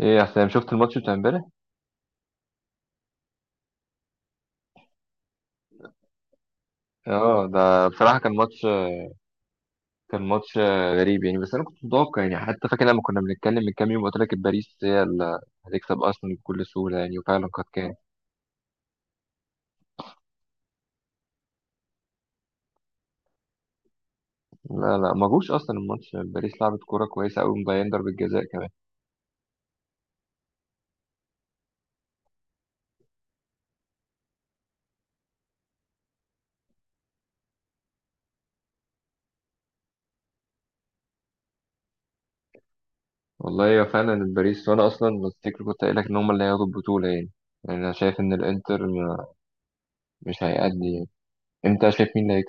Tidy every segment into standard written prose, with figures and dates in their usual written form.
ايه يا حسام، شفت الماتش بتاع امبارح؟ اه ده بصراحه كان ماتش غريب يعني، بس انا كنت متوقع يعني، حتى فاكر لما كنا بنتكلم من كام يوم قلت لك باريس هي اللي هتكسب ارسنال بكل سهوله يعني، وفعلا قد كان. لا لا ما جوش اصلا الماتش، باريس لعبت كوره كويسه قوي، مضيعين ضربه جزاء كمان. والله يا فعلا باريس، وانا اصلا تفتكر كنت قايل لك ان هم اللي هياخدوا البطوله يعني. يعني انا شايف ان الانتر مش هيأدي يعني. انت شايف مين اللي.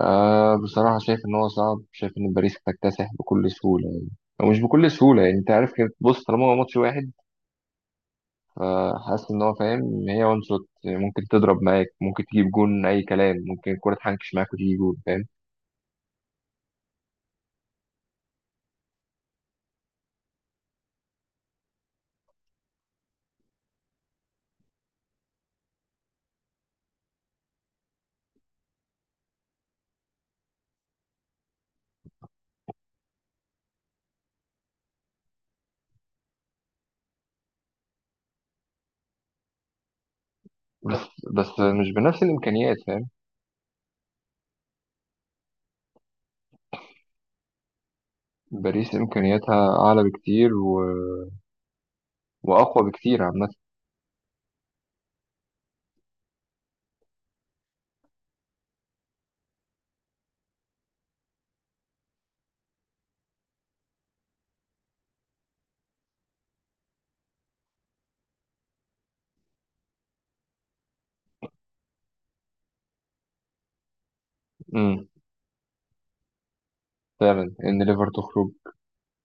بصراحة شايف إن هو صعب، شايف إن باريس هتكتسح بكل سهولة يعني. أو مش بكل سهولة يعني، أنت عارف كده، بص طالما هو ماتش واحد، فحاسس إن هو فاهم إن هي وان شوت ممكن تضرب معاك، ممكن تجيب جون، أي كلام، ممكن الكورة تحنكش معاك وتيجي جون. فاهم؟ بس بس مش بنفس الإمكانيات. فاهم؟ باريس إمكانياتها أعلى بكتير و... وأقوى بكتير عامة. أمم، فعلا إن ليفر تخرج،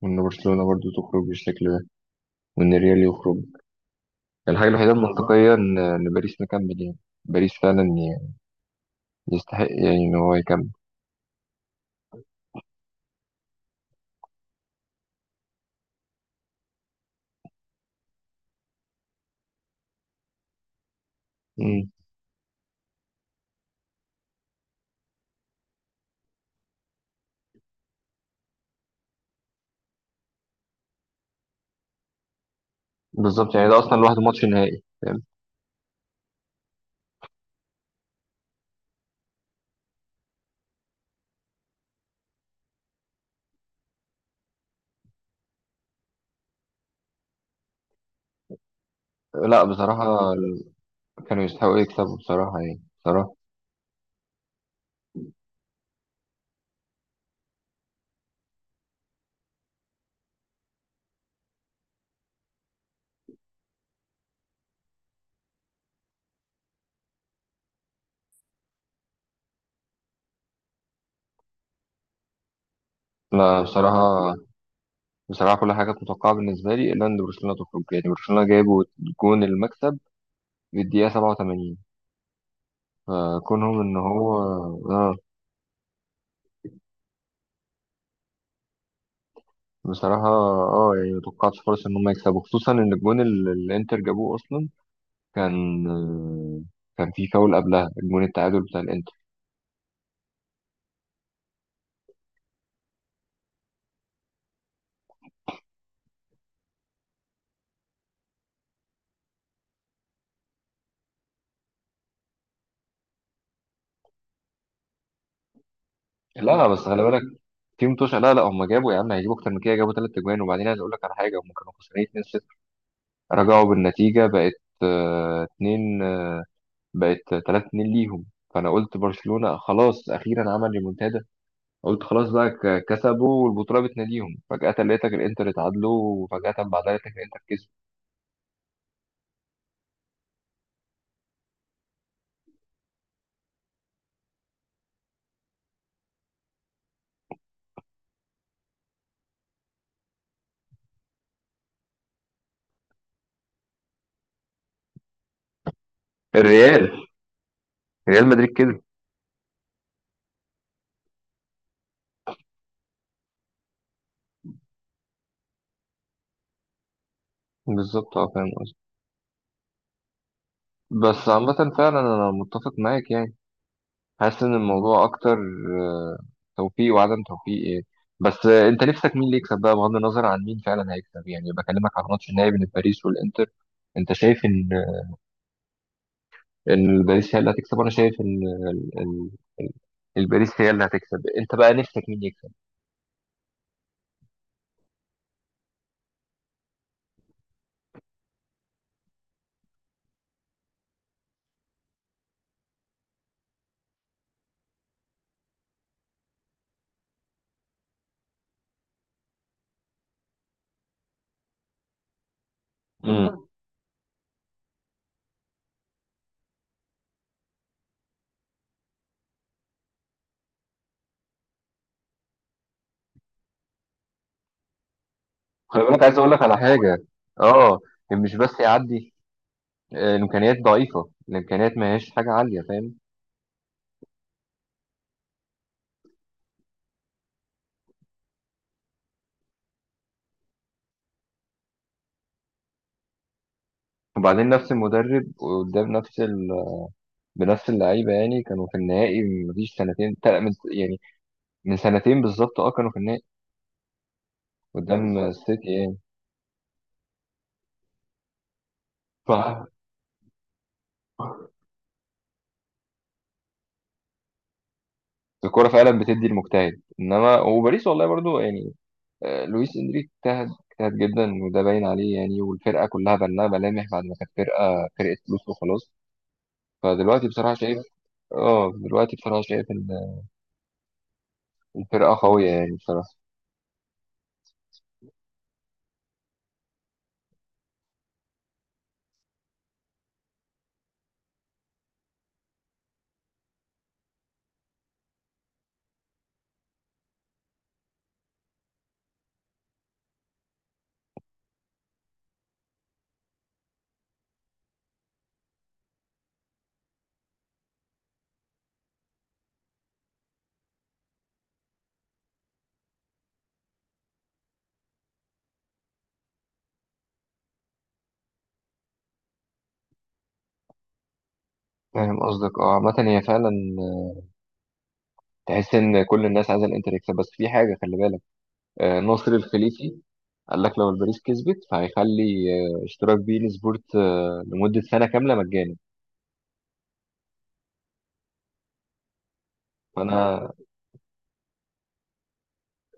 وإن برشلونة برضه تخرج بالشكل ده، وإن الريال يخرج. الحاجة الوحيدة المنطقية إن باريس مكمل يعني. باريس فعلا يستحق يعني ان هو يكمل. مم. بالظبط، يعني ده اصلا لوحده ماتش نهائي. فاهم؟ لا بصراحه كانوا يستحقوا يكسبوا بصراحه يعني بصراحه. لا بصراحه كل حاجه كانت متوقعه بالنسبه لي، الا ان برشلونه تخرج. يعني برشلونه جابوا جون المكسب في الدقيقه 87، فكونهم ان هو. اه بصراحه اه يعني ما توقعتش خالص ان هم يكسبوا، خصوصا ان الجون اللي الانتر جابوه اصلا كان، كان في فاول قبلها، الجون التعادل بتاع الانتر. لا بس خلي بالك في متوشة، لا لا هم جابوا، يا عم هيجيبوا اكتر من كده، جابوا ثلاث اجوان. وبعدين عايز اقول لك على حاجه، هم كانوا خسرانين 2-0، رجعوا بالنتيجه، بقت 2 بقت 3-2 ليهم. فانا قلت برشلونه خلاص اخيرا عمل ريمونتادا، قلت خلاص بقى كسبوا والبطوله بتناديهم. فجاه لقيتك الانتر اتعادلوا، وفجاه بعدها لقيتك الانتر كسب. الريال ريال مدريد كسب. بالظبط اه، فاهم قصدي. بس عامه فعلا انا متفق معاك يعني، حاسس ان الموضوع اكتر آه، توفيق وعدم توفيق ايه. بس انت نفسك مين اللي يكسب بقى، بغض النظر عن مين فعلا هيكسب يعني. بكلمك على الماتش النهائي بين باريس والانتر، انت شايف ان باريس هي اللي هتكسب، وانا شايف ان ال- ال- ال- الباريس هي اللي هتكسب. انت بقى نفسك مين يكسب؟ امم خلي بالك عايز اقول لك على حاجه، اه، إن مش بس يعدي، الامكانيات ضعيفه، الامكانيات ما هياش حاجه عاليه. فاهم؟ وبعدين نفس المدرب قدام نفس، بنفس اللعيبه يعني. كانوا في النهائي من مفيش سنتين، من يعني من سنتين بالظبط. اه كانوا في النهائي، اه قدام بالظبط السيتي يعني. ف- الكوره فعلا بتدي المجتهد، انما وباريس والله برضو يعني، لويس انريك اجتهد اجتهد جدا، وده باين عليه يعني. والفرقه كلها بان لها ملامح بعد ما كانت فرقه فلوس وخلاص. فدلوقتي بصراحه شايف، اه دلوقتي بصراحه شايف ان الفرقه قويه يعني بصراحه. فاهم قصدك. اه عامة هي فعلا تحس ان كل الناس عايزه الانتر يكسب، بس في حاجه خلي بالك، ناصر الخليفي قال لك لو الباريس كسبت فهيخلي اشتراك بين سبورت لمدة سنة كاملة مجاني. فأنا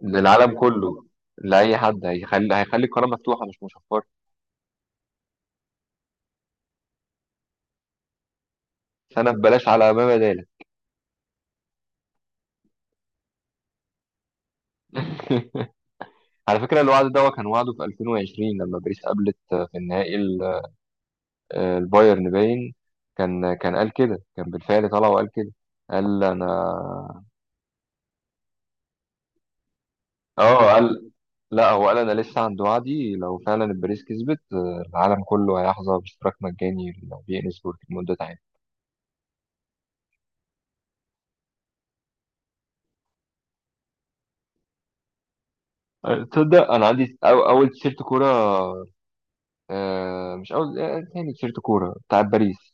للعالم كله، لأي حد، هيخلي القناة مفتوحة مش مشفرة. سنة ببلاش على ما بدالك. على فكرة الوعد ده كان وعده في 2020، لما باريس قابلت في النهائي البايرن باين. كان قال كده، كان بالفعل طلع وقال كده، قال أنا. اه قال، لا هو قال انا لسه عند وعدي، لو فعلا الباريس كسبت العالم كله هيحظى باشتراك مجاني لو بي ان سبورت لمده عام. تصدق انا عندي أو اول تيشيرت كوره، مش اول، تاني تيشيرت كوره بتاع باريس،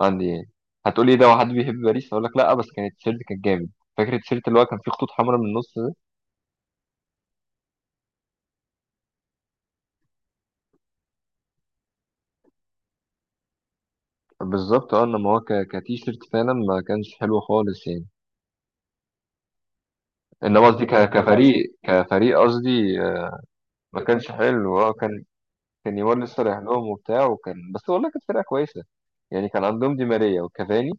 عندي يعني. هتقولي إيه ده، واحد بيحب باريس؟ اقول لك لا، بس كان التيشيرت كان جامد. فاكر التيشيرت اللي هو كان فيه خطوط حمراء من النص ده. بالظبط اه، انما هو كتيشيرت فعلا ما كانش حلو خالص يعني. انما قصدي كفريق قصدي ما كانش حلو اه، كان نيمار لسه رايح لهم وبتاع، وكان بس، والله كانت فرقه كويسه يعني. كان عندهم دي ماريا وكافاني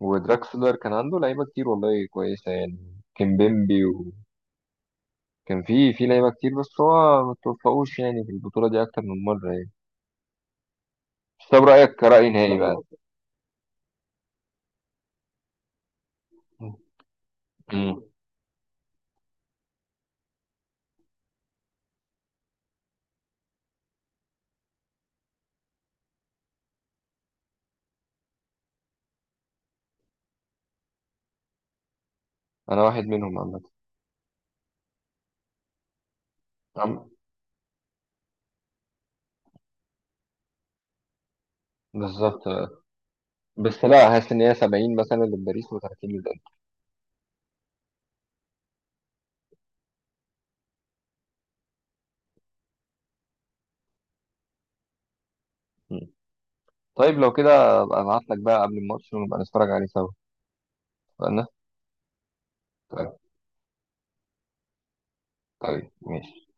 ودراكسلر، كان عنده لعيبه كتير والله كويسه يعني، كيمبيمبي، وكان في لعيبه كتير، بس هو ما توفقوش يعني في البطوله دي اكتر من مره يعني. بس طب رايك كراي نهائي بقى؟ مم. انا واحد منهم عامه. عم- بالظبط. بس لا، حاسس ان هي 70 مثلا لباريس و30 للانتر. مم. طيب لو كده ابقى ابعت لك بقى قبل الماتش ونبقى نتفرج عليه سوا. اتفقنا؟ طيب. طيب ماشي.